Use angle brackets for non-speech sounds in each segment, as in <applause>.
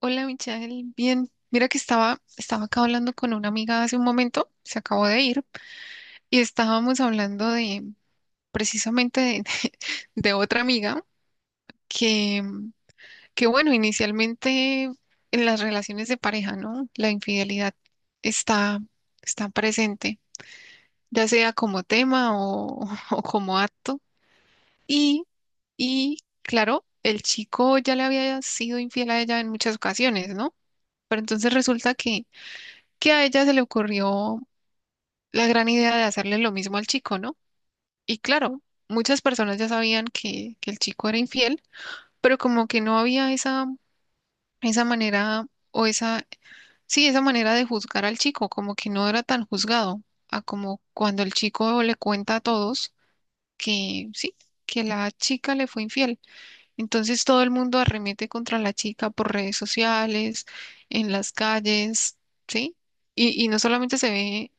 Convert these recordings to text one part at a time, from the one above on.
Hola, Michelle. Bien, mira que estaba acá hablando con una amiga hace un momento, se acabó de ir, y estábamos hablando de precisamente <laughs> de otra amiga que, que, bueno, inicialmente en las relaciones de pareja, ¿no? La infidelidad está, está presente, ya sea como tema <laughs> o como acto. Y, y claro, el chico ya le había sido infiel a ella en muchas ocasiones, ¿no? Pero entonces resulta que a ella se le ocurrió la gran idea de hacerle lo mismo al chico, ¿no? Y claro, muchas personas ya sabían que el chico era infiel, pero como que no había esa manera o sí, esa manera de juzgar al chico, como que no era tan juzgado, a como cuando el chico le cuenta a todos que sí, que la chica le fue infiel. Entonces todo el mundo arremete contra la chica por redes sociales, en las calles, ¿sí? Y no solamente se ve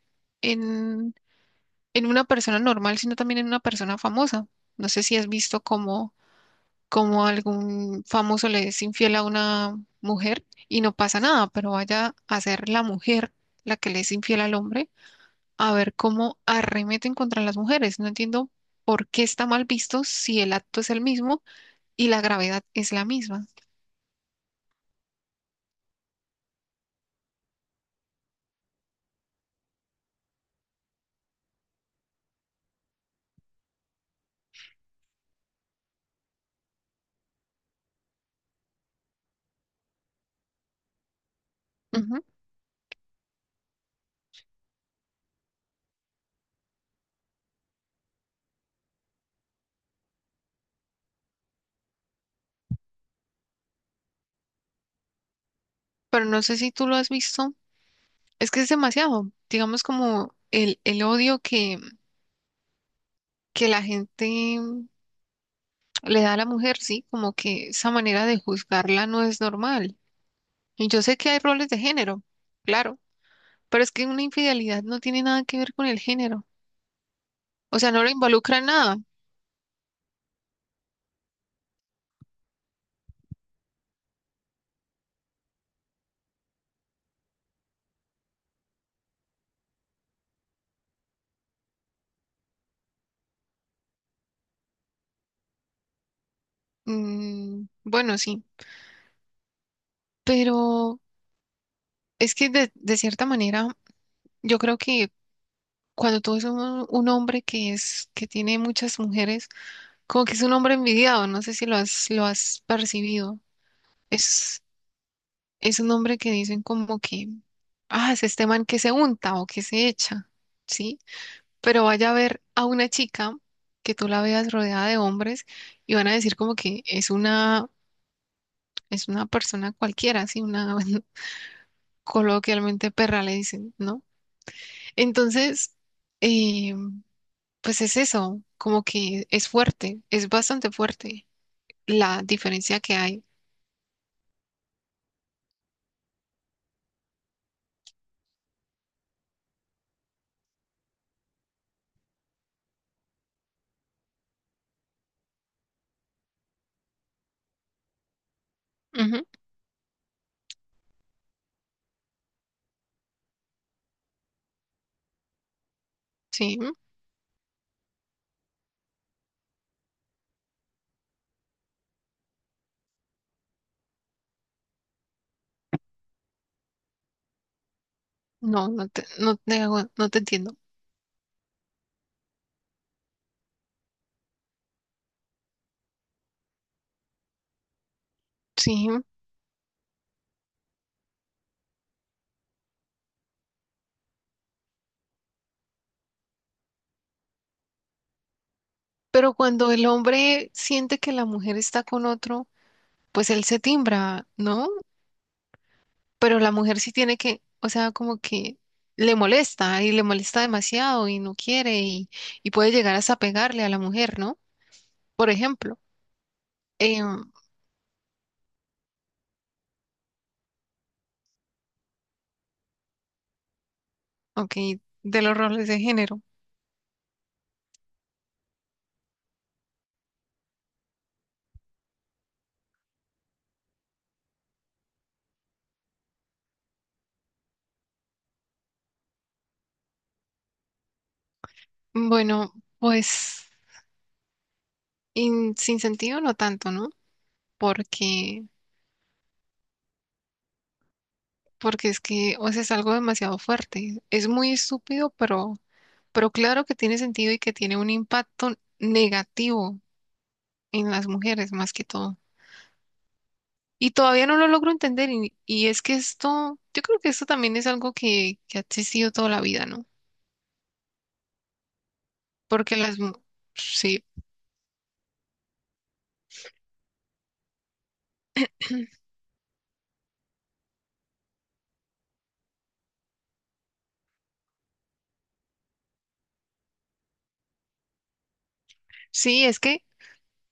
en en una persona normal, sino también en una persona famosa. No sé si has visto cómo algún famoso le es infiel a una mujer y no pasa nada, pero vaya a ser la mujer la que le es infiel al hombre, a ver cómo arremeten contra las mujeres. No entiendo por qué está mal visto si el acto es el mismo y la gravedad es la misma. Ujú. Pero no sé si tú lo has visto, es que es demasiado, digamos como el odio que la gente le da a la mujer, sí, como que esa manera de juzgarla no es normal. Y yo sé que hay roles de género, claro, pero es que una infidelidad no tiene nada que ver con el género, o sea, no lo involucra en nada. Mm, bueno, sí, pero es que de cierta manera yo creo que cuando tú ves un hombre que tiene muchas mujeres, como que es un hombre envidiado, no sé si lo has percibido. Es, es un hombre que dicen como que, ah, es este man que se unta o que se echa, ¿sí? Pero vaya a ver a una chica que tú la veas rodeada de hombres y van a decir como que es es una persona cualquiera, ¿sí? Una, <laughs> coloquialmente perra le dicen, ¿no? Entonces, eh, pues es eso, como que es fuerte, es bastante fuerte la diferencia que hay. Ujú, sí. No, no te entiendo. Sí, pero cuando el hombre siente que la mujer está con otro, pues él se timbra, ¿no? Pero la mujer sí tiene que, o sea, como que le molesta y le molesta demasiado y no quiere y puede llegar hasta pegarle a la mujer, ¿no? Por ejemplo, em, ok, de los roles de género. Bueno, pues sin sentido no tanto, ¿no? Porque, porque es que, o sea, es algo demasiado fuerte. Es muy estúpido, pero claro que tiene sentido y que tiene un impacto negativo en las mujeres más que todo. Y todavía no lo logro entender y es que esto, yo creo que esto también es algo que ha existido toda la vida, ¿no? Porque sí, sí, es que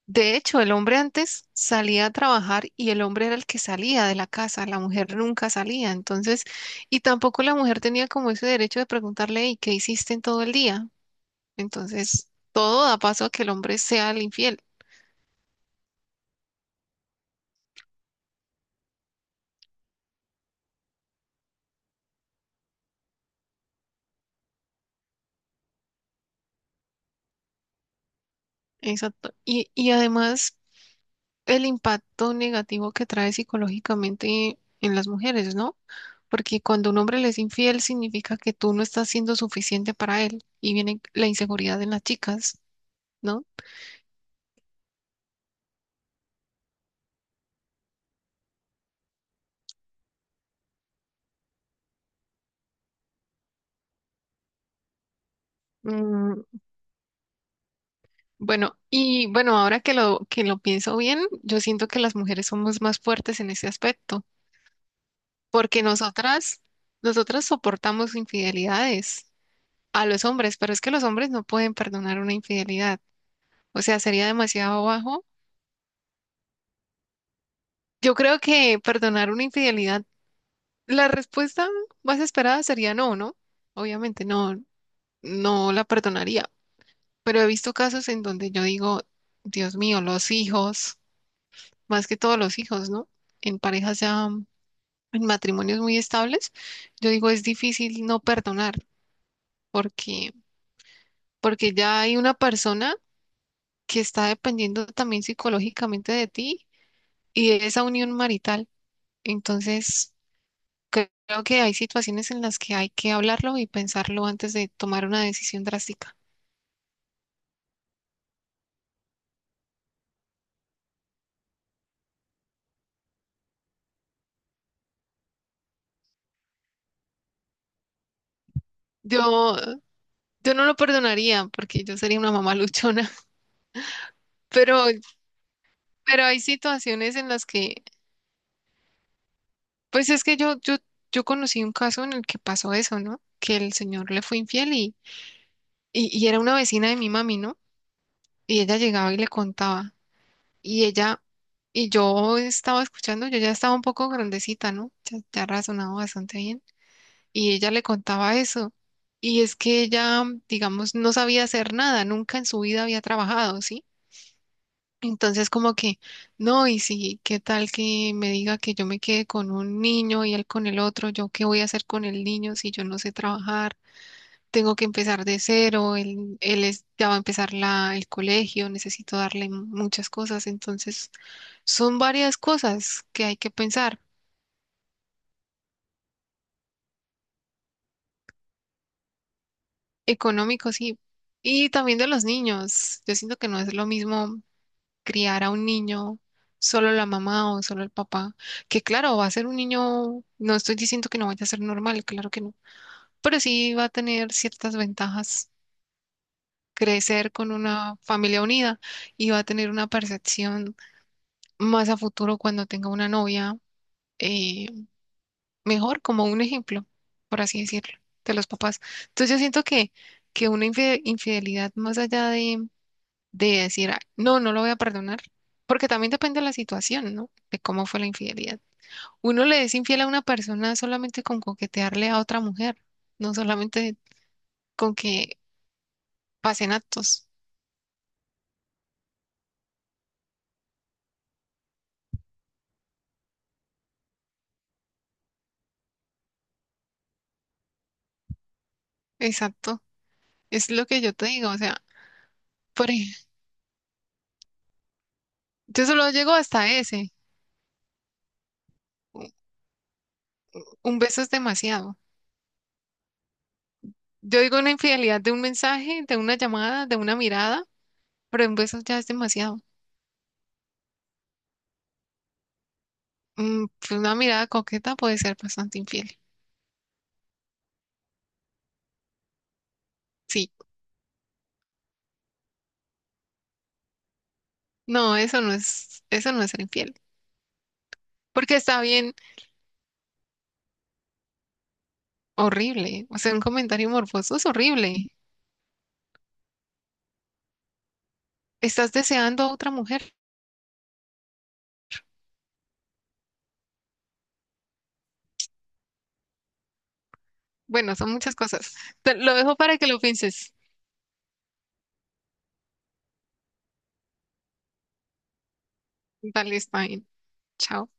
de hecho el hombre antes salía a trabajar y el hombre era el que salía de la casa, la mujer nunca salía, entonces, y tampoco la mujer tenía como ese derecho de preguntarle, ¿y qué hiciste en todo el día? Entonces, todo da paso a que el hombre sea el infiel. Exacto. Y además el impacto negativo que trae psicológicamente en las mujeres, ¿no? Porque cuando un hombre le es infiel significa que tú no estás siendo suficiente para él y viene la inseguridad en las chicas, ¿no? Mm, bueno, y bueno, ahora que que lo pienso bien, yo siento que las mujeres somos más fuertes en ese aspecto, porque nosotras soportamos infidelidades a los hombres, pero es que los hombres no pueden perdonar una infidelidad. O sea, sería demasiado bajo. Yo creo que perdonar una infidelidad, la respuesta más esperada sería no, ¿no? Obviamente no, no la perdonaría, pero he visto casos en donde yo digo, Dios mío, los hijos, más que todos los hijos, ¿no? En parejas ya, en matrimonios muy estables, yo digo, es difícil no perdonar, porque, porque ya hay una persona que está dependiendo también psicológicamente de ti y de esa unión marital. Entonces, creo que hay situaciones en las que hay que hablarlo y pensarlo antes de tomar una decisión drástica. Yo, yo no lo perdonaría porque yo sería una mamá luchona, <laughs> pero, pero hay situaciones en las que, pues es que yo conocí un caso en el que pasó eso, ¿no? Que el señor le fue infiel y era una vecina de mi mami, ¿no? Y ella llegaba y le contaba. Y ella, y yo estaba escuchando, yo ya estaba un poco grandecita, ¿no? Ya razonaba bastante bien. Y ella le contaba eso. Y es que ella, digamos, no sabía hacer nada, nunca en su vida había trabajado, ¿sí? Entonces como que, no, y si, ¿qué tal que me diga que yo me quede con un niño y él con el otro? ¿Yo qué voy a hacer con el niño si yo no sé trabajar? Tengo que empezar de cero, ya va a empezar el colegio, necesito darle muchas cosas, entonces son varias cosas que hay que pensar. Económico, sí. Y también de los niños. Yo siento que no es lo mismo criar a un niño, solo la mamá o solo el papá, que claro, va a ser un niño, no estoy diciendo que no vaya a ser normal, claro que no, pero sí va a tener ciertas ventajas crecer con una familia unida y va a tener una percepción más a futuro cuando tenga una novia, eh, mejor como un ejemplo, por así decirlo, de los papás. Entonces yo siento que una infidelidad más allá de decir, "Ah, no, no lo voy a perdonar", porque también depende de la situación, ¿no? De cómo fue la infidelidad. Uno le es infiel a una persona solamente con coquetearle a otra mujer, no solamente con que pasen actos. Exacto. Es lo que yo te digo, o sea, por ej- yo solo llego hasta ese. Un beso es demasiado. Yo digo una infidelidad de un mensaje, de una llamada, de una mirada, pero un beso ya es demasiado. Mm, pues una mirada coqueta puede ser bastante infiel. Sí. No, eso no es ser infiel. Porque está bien horrible. O sea, un comentario morboso es horrible. Estás deseando a otra mujer. Bueno, son muchas cosas. Te- lo dejo para que lo pienses. Dale, está bien. Chao.